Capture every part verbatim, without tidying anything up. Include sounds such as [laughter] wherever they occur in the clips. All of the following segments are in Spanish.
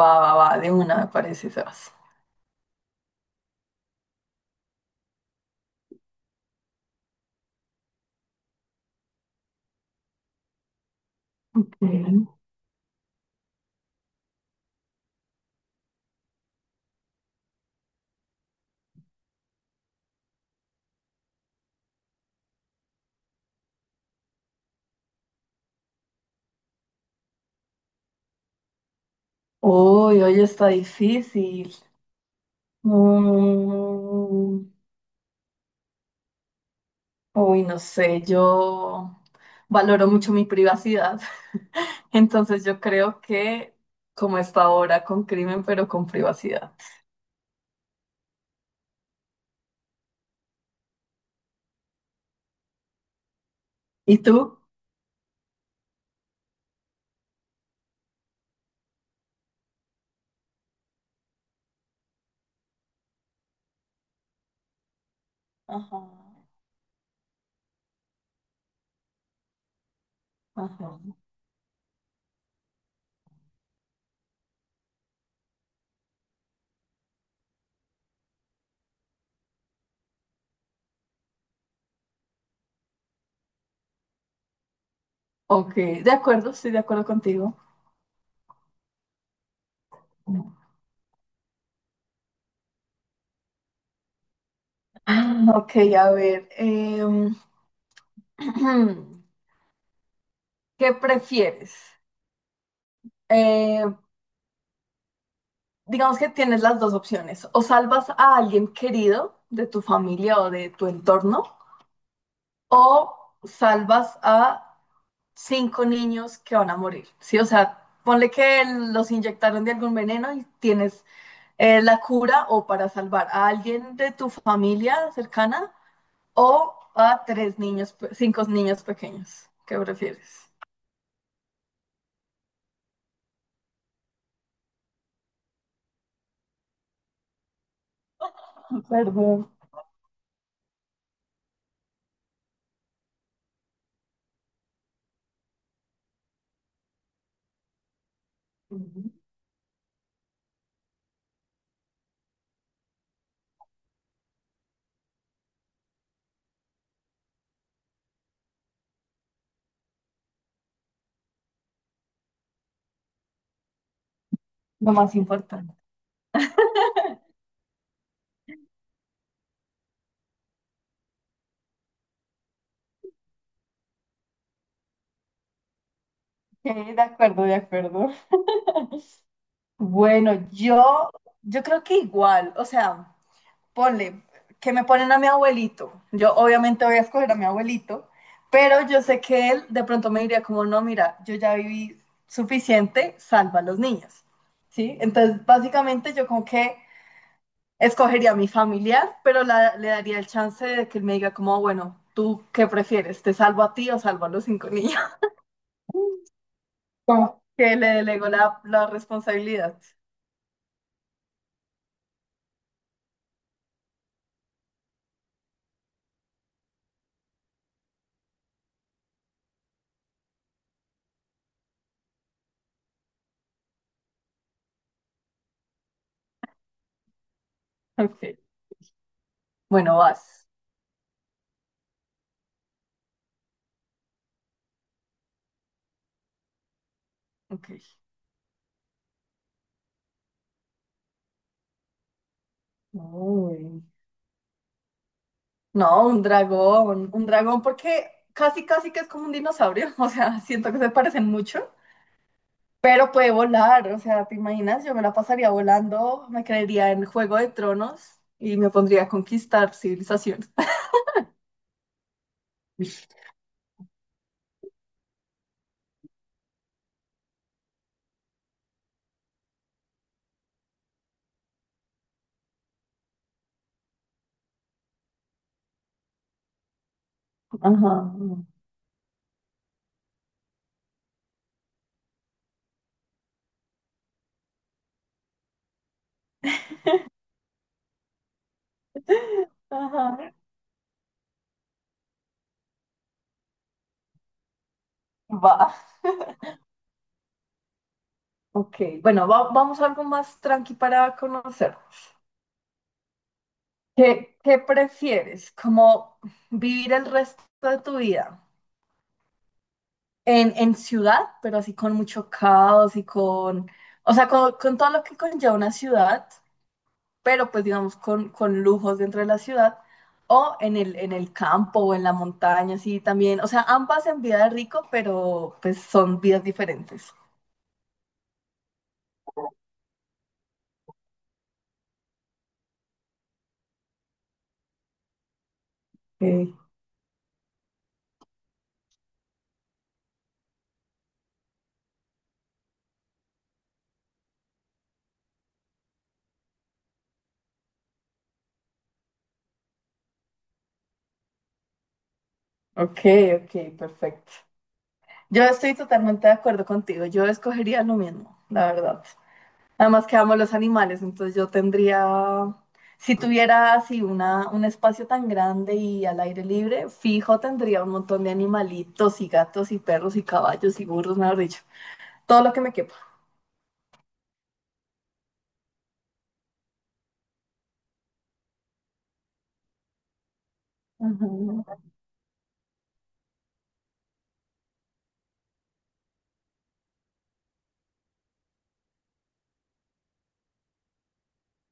Va, va, va, de una me parece, Sebas. Ok. Uy, hoy está difícil. Mm, uy, no sé, yo valoro mucho mi privacidad, [laughs] entonces yo creo que como está ahora con crimen, pero con privacidad. ¿Y tú? Ajá, ajá. Ok, de acuerdo, estoy de acuerdo contigo. Ah, Ok, a ver, em, [clears throat] ¿qué prefieres? Eh, digamos que tienes las dos opciones, o salvas a alguien querido de tu familia o de tu entorno, o salvas a cinco niños que van a morir, ¿sí? O sea, ponle que los inyectaron de algún veneno y tienes eh, la cura o para salvar a alguien de tu familia cercana o a tres niños, pe- cinco niños pequeños. ¿Qué prefieres? Perdón. Ujú. Lo más importante. Ok, de acuerdo, de acuerdo. Bueno, yo, yo creo que igual, o sea, ponle, que me ponen a mi abuelito. Yo obviamente voy a escoger a mi abuelito, pero yo sé que él de pronto me diría como, no, mira, yo ya viví suficiente, salva a los niños, ¿sí? Entonces, básicamente yo como que escogería a mi familiar, pero la- le daría el chance de que él me diga como, bueno, ¿tú qué prefieres? ¿Te salvo a ti o salvo a los cinco niños? [laughs] Como que le delego la, la responsabilidad. Ok. Bueno, vas. Ok. Uy. No, un dragón, un dragón porque casi, casi que es como un dinosaurio, [laughs] o sea, siento que se parecen mucho, pero puede volar, o sea, ¿te imaginas? Yo me la pasaría volando, me creería en Juego de Tronos y me pondría a conquistar civilizaciones. [laughs] Ajá, ajá, va, ok, bueno, va- vamos a algo más tranqui para conocer. ¿Qué, qué prefieres? ¿Como vivir el resto de tu vida en, en ciudad, pero así con mucho caos y con, o sea, con, con todo lo que conlleva una ciudad, pero pues digamos con, con lujos dentro de la ciudad, o en el, en el campo o en la montaña, así también, o sea, ambas en vida de rico, pero pues son vidas diferentes? Ok, ok, ok, perfecto. Yo estoy totalmente de acuerdo contigo, yo escogería lo mismo, la verdad. Además que amo los animales, entonces yo tendría, si tuviera así una, un espacio tan grande y al aire libre, fijo tendría un montón de animalitos y gatos y perros y caballos y burros, mejor dicho, todo lo que me quepa. Ujú.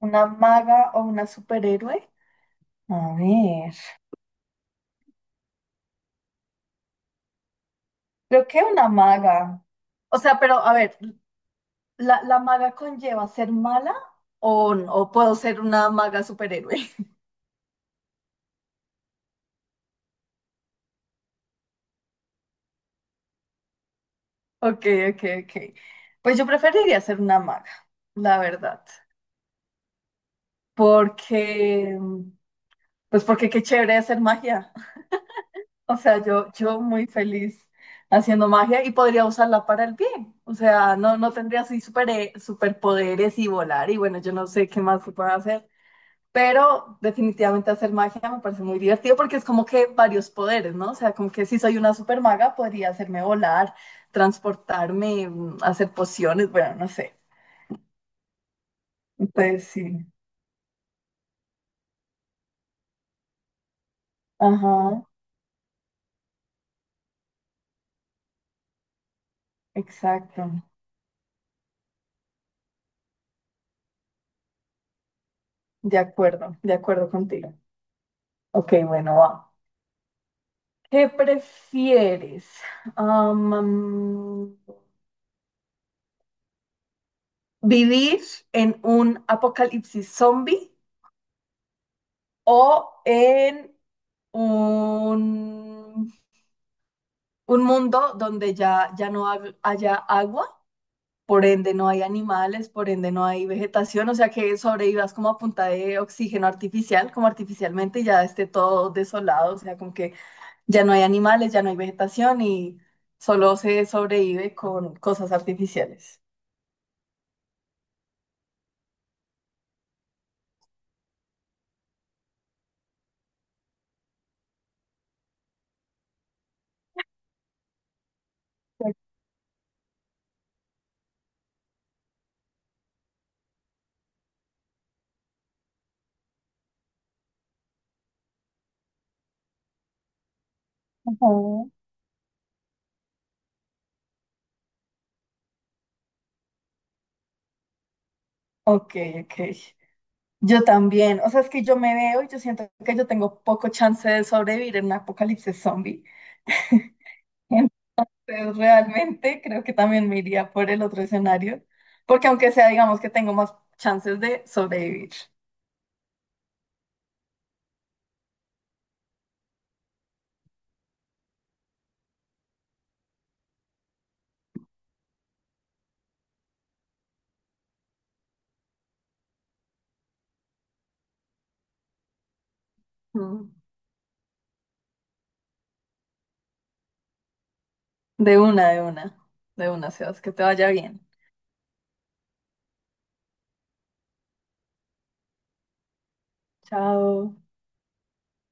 ¿Una maga o una superhéroe? A ver, creo que una maga. O sea, pero a ver, ¿la, la maga conlleva ser mala o, o puedo ser una maga superhéroe? Ok, ok, ok. Pues yo preferiría ser una maga, la verdad, porque, pues porque qué chévere hacer magia. [laughs] O sea, yo, yo muy feliz haciendo magia y podría usarla para el bien. O sea, no, no tendría así super, eh, superpoderes y volar y bueno, yo no sé qué más se puede hacer. Pero definitivamente hacer magia me parece muy divertido porque es como que varios poderes, ¿no? O sea, como que si soy una super maga podría hacerme volar, transportarme, mm, hacer pociones, bueno, no sé. Pues sí. Ajá, exacto. De acuerdo, de acuerdo contigo. Ok, bueno, va. ¿Qué prefieres? Am, am, ¿vivir en un apocalipsis zombie o en un, un mundo donde ya, ya no hab- haya agua? Por ende no hay animales, por ende no hay vegetación, o sea que sobrevivas como a punta de oxígeno artificial, como artificialmente y ya esté todo desolado, o sea, como que ya no hay animales, ya no hay vegetación y solo se sobrevive con cosas artificiales. Ujú. Ok, ok. Yo también. O sea, es que yo me veo y yo siento que yo tengo poco chance de sobrevivir en un apocalipsis zombie. [laughs] Entonces, realmente creo que también me iría por el otro escenario, porque aunque sea, digamos que tengo más chances de sobrevivir. Mm. De una, de una. De una, Sebas, que te vaya bien. Chao.